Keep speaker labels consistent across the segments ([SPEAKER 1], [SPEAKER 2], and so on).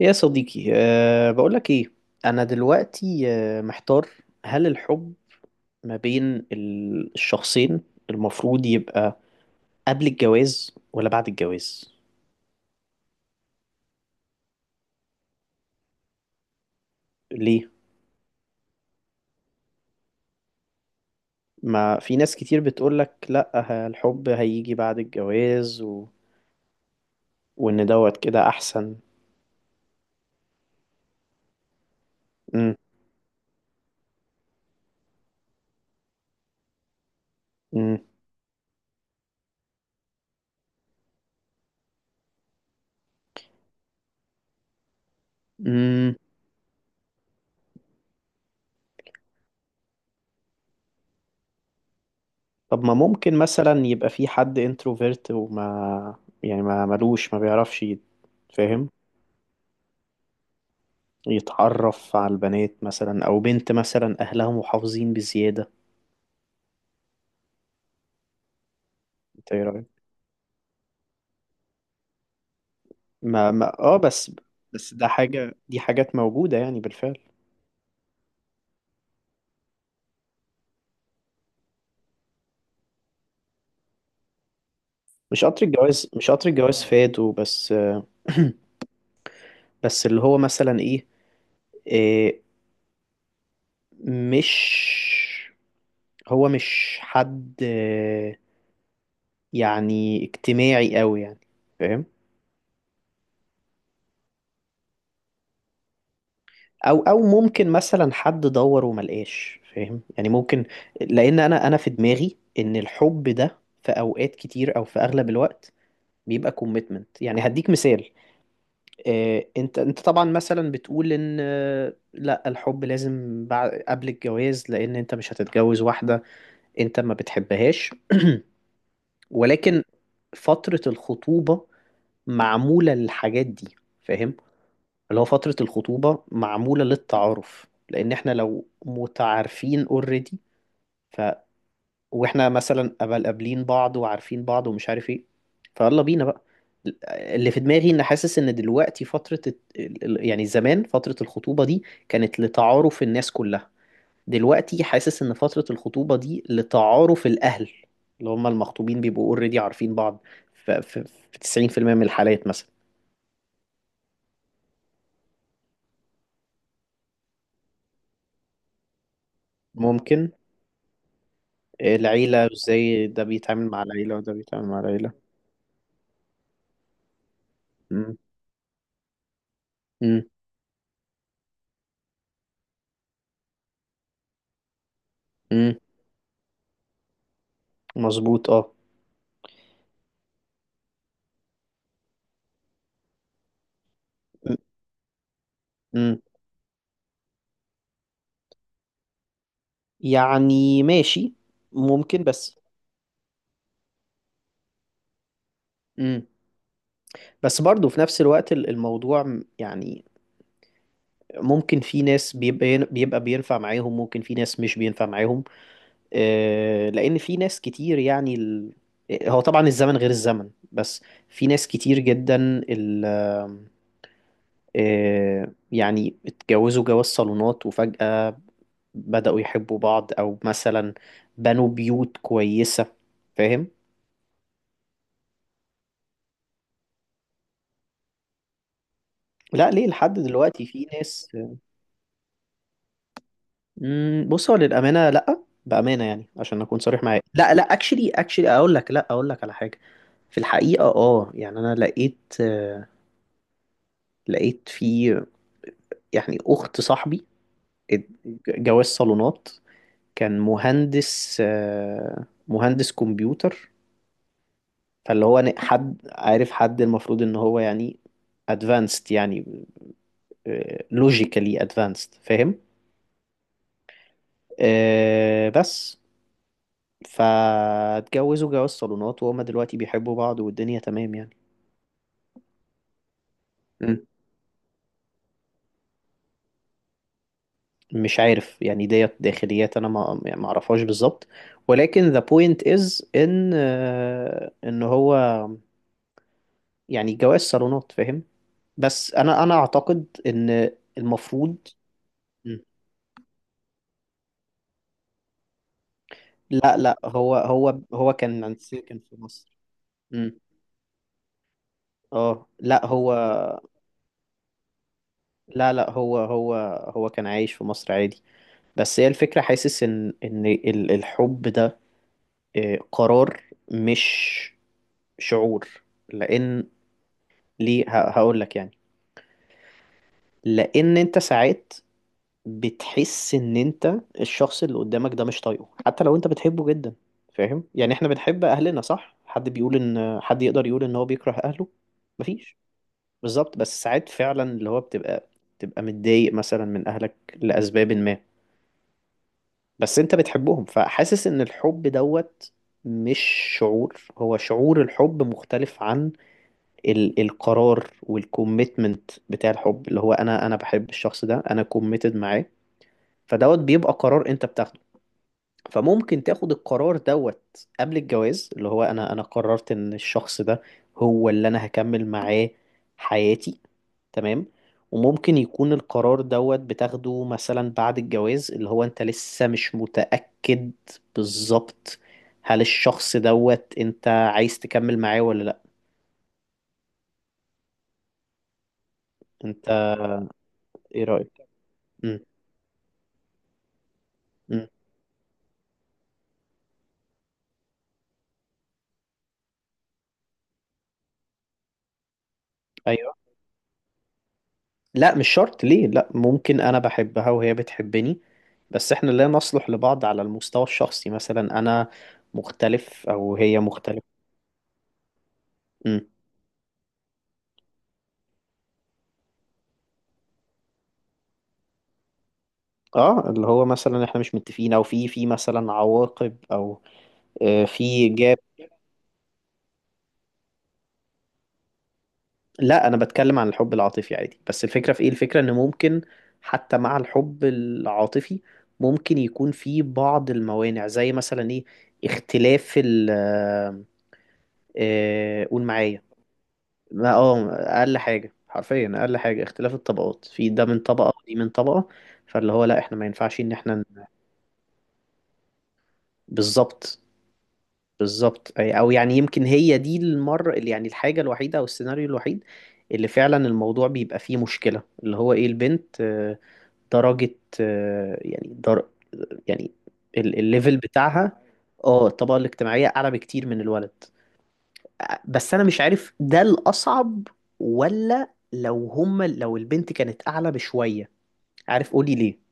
[SPEAKER 1] يا صديقي، بقولك ايه؟ انا دلوقتي محتار. هل الحب ما بين الشخصين المفروض يبقى قبل الجواز ولا بعد الجواز؟ ليه؟ ما في ناس كتير بتقولك لا، الحب هيجي بعد الجواز، و... وان دوت كده احسن. مم. مم. مم. طب ما ممكن مثلا يبقى في حد انتروفيرت، وما يعني ما ملوش، ما بيعرفش فاهم؟ يتعرف على البنات مثلا، او بنت مثلا اهلها محافظين بزيادة. انت ايه رأيك؟ ما بس. بس ده حاجة، دي حاجات موجودة يعني بالفعل. مش قطر الجواز فات وبس. بس اللي هو مثلا ايه، إيه، مش، هو مش حد، يعني اجتماعي قوي يعني. فاهم؟ او ممكن مثلا حد دور وما لقاش، فاهم؟ يعني ممكن، لان انا في دماغي ان الحب ده في اوقات كتير او في اغلب الوقت بيبقى كوميتمنت. يعني هديك مثال. انت طبعا مثلا بتقول ان لا، الحب لازم بعد قبل الجواز، لان انت مش هتتجوز واحدة انت ما بتحبهاش. ولكن فترة الخطوبة معمولة للحاجات دي، فاهم؟ اللي هو فترة الخطوبة معمولة للتعارف، لأن احنا لو متعارفين اوريدي، ف واحنا مثلا قبل قابلين بعض وعارفين بعض ومش عارف ايه، فيلا بينا بقى. اللي في دماغي، ان حاسس ان دلوقتي فترة يعني زمان فترة الخطوبة دي كانت لتعارف الناس كلها. دلوقتي حاسس ان فترة الخطوبة دي لتعارف الأهل، اللي هم المخطوبين بيبقوا اوريدي عارفين بعض. ف- ف- في 90% من الحالات مثلا. ممكن. إيه العيلة؟ ازاي ده بيتعامل مع العيلة وده بيتعامل مع العيلة. مم. مم. مم. مظبوط، اه. مم. مم. يعني ماشي، ممكن. بس. مم. بس برضه في نفس الوقت الموضوع يعني ممكن في ناس بيبقى بينفع معاهم، ممكن في ناس مش بينفع معاهم. لأن في ناس كتير يعني هو طبعا الزمن غير الزمن، بس في ناس كتير جدا، ال... يعني اتجوزوا جواز صالونات وفجأة بدأوا يحبوا بعض، أو مثلا بنوا بيوت كويسة. فاهم؟ لا، ليه؟ لحد دلوقتي في ناس. مم، بص، هو للأمانة لأ، بأمانة يعني عشان أكون صريح معاك، لا لا، اكشلي أقول لك على حاجة. في الحقيقة يعني أنا لقيت، لقيت في يعني أخت صاحبي ات- جواز صالونات. كان مهندس، مهندس كمبيوتر. فاللي هو حد عارف حد، المفروض ان هو يعني ادفانسد يعني، لوجيكالي ادفانسد، فاهم؟ بس فاتجوزوا جواز صالونات، وهما دلوقتي بيحبوا بعض والدنيا تمام يعني. مم. مش عارف يعني، ديت داخليات انا، ما يعني، ما اعرفهاش بالظبط. ولكن the point is ان، هو يعني جواز صالونات، فاهم؟ بس انا اعتقد ان المفروض. مم. لا لا، هو كان ساكن في مصر. مم. اه، لا، هو. لا لا، هو كان عايش في مصر عادي. بس هي الفكرة، حاسس ان الحب ده قرار، مش شعور. لان ليه؟ هقول لك يعني. لان انت ساعات بتحس ان انت، الشخص اللي قدامك ده مش طايقه، حتى لو انت بتحبه جدا. فاهم؟ يعني احنا بنحب اهلنا صح؟ حد بيقول ان حد يقدر يقول ان هو بيكره اهله؟ مفيش. بالظبط. بس ساعات فعلا اللي هو بتبقى متضايق مثلا من اهلك لاسباب ما، بس انت بتحبهم، فحاسس ان الحب دوت مش شعور. هو شعور الحب مختلف عن القرار والكوميتمنت بتاع الحب، اللي هو انا بحب الشخص ده، انا كوميتد معاه. فدوت بيبقى قرار انت بتاخده. فممكن تاخد القرار دوت قبل الجواز، اللي هو انا قررت ان الشخص ده هو اللي انا هكمل معاه حياتي. تمام. وممكن يكون القرار دوت بتاخده مثلا بعد الجواز، اللي هو انت لسه مش متأكد. بالظبط. هل الشخص دوت انت عايز تكمل معاه ولا لا؟ انت ايه رأيك؟ امم امم ايوه. لا، مش شرط. ليه؟ لا، ممكن انا بحبها وهي بتحبني، بس احنا لا نصلح لبعض على المستوى الشخصي. مثلا انا مختلف، او هي مختلفة. امم اه، اللي هو مثلا احنا مش متفقين، او في مثلا عواقب، او في جاب. لا، انا بتكلم عن الحب العاطفي عادي، بس الفكرة في ايه؟ الفكرة ان ممكن حتى مع الحب العاطفي، ممكن يكون في بعض الموانع زي مثلا ايه؟ اختلاف قول معايا. اقل حاجة حرفيا، اقل حاجة اختلاف الطبقات، في ده من طبقة ودي من طبقة، فاللي هو لا، احنا ما ينفعش ان بالظبط. بالظبط او يعني، يمكن هي دي المرة يعني الحاجة الوحيدة او السيناريو الوحيد اللي فعلا الموضوع بيبقى فيه مشكلة، اللي هو ايه؟ البنت درجة، يعني يعني الليفل بتاعها، اه الطبقة الاجتماعية أعلى بكتير من الولد. بس أنا مش عارف ده الأصعب ولا لو هما لو البنت كانت أعلى بشوية. عارف؟ قولي ليه.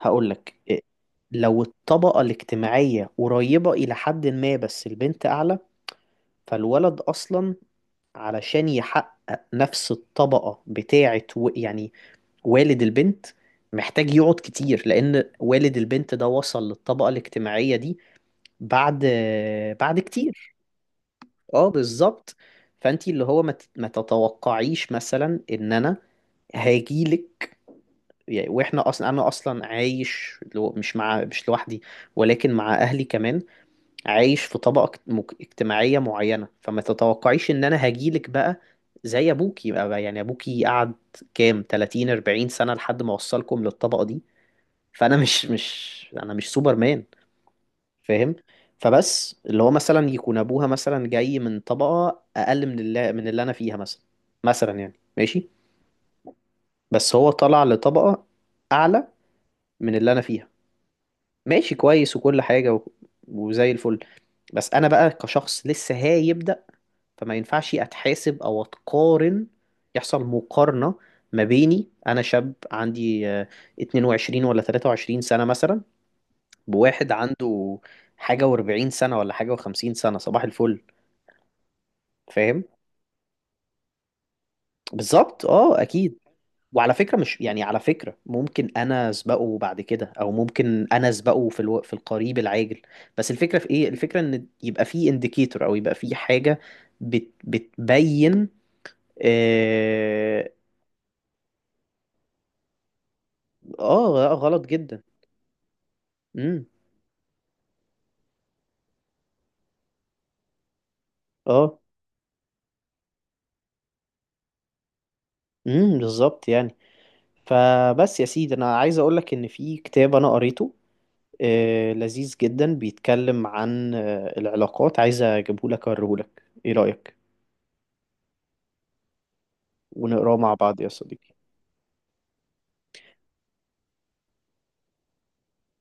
[SPEAKER 1] هقولك إيه، لو الطبقة الاجتماعية قريبة إلى حد ما، بس البنت أعلى، فالولد أصلا علشان يحقق نفس الطبقة بتاعة يعني والد البنت، محتاج يقعد كتير، لأن والد البنت ده وصل للطبقة الاجتماعية دي بعد بعد كتير. اه بالظبط. فأنتي اللي هو ما تتوقعيش مثلا إن أنا هاجيلك، يعني واحنا اصلا، انا اصلا عايش لو مش مع مش لوحدي، ولكن مع اهلي كمان. عايش في طبقه اجتماعيه معينه، فما تتوقعيش ان انا هاجيلك بقى زي ابوكي بقى، يعني ابوكي قعد كام 30، 40 سنه لحد ما وصلكم للطبقه دي. فانا مش مش انا مش سوبر مان. فاهم؟ فبس اللي هو مثلا يكون ابوها مثلا جاي من طبقه اقل من اللي انا فيها، مثلا مثلا يعني ماشي، بس هو طلع لطبقه اعلى من اللي انا فيها، ماشي كويس وكل حاجه، وزي الفل. بس انا بقى كشخص لسه هيبدأ، فما ينفعش اتحاسب او اتقارن، يحصل مقارنه ما بيني انا شاب عندي 22 ولا 23 سنه مثلا، بواحد عنده حاجة واربعين سنة ولا حاجة وخمسين سنة. صباح الفل. فاهم؟ بالظبط، اه اكيد. وعلى فكرة، مش يعني على فكرة ممكن انا اسبقه بعد كده، او ممكن انا اسبقه في في القريب العاجل. بس الفكرة في ايه؟ الفكرة ان يبقى في انديكيتور، او يبقى في حاجة بتبين. اه. غلط جدا. امم اه. بالظبط يعني. فبس يا سيدي، انا عايز اقول لك ان في كتاب انا قريته، لذيذ جدا، بيتكلم عن العلاقات. عايز اجيبهولك اوريهولك، ايه رأيك؟ ونقراه مع بعض يا صديقي.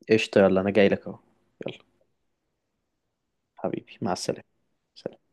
[SPEAKER 1] قشطة، يلا انا جاي لك اهو. يلا. حبيبي، مع السلامة. سلام.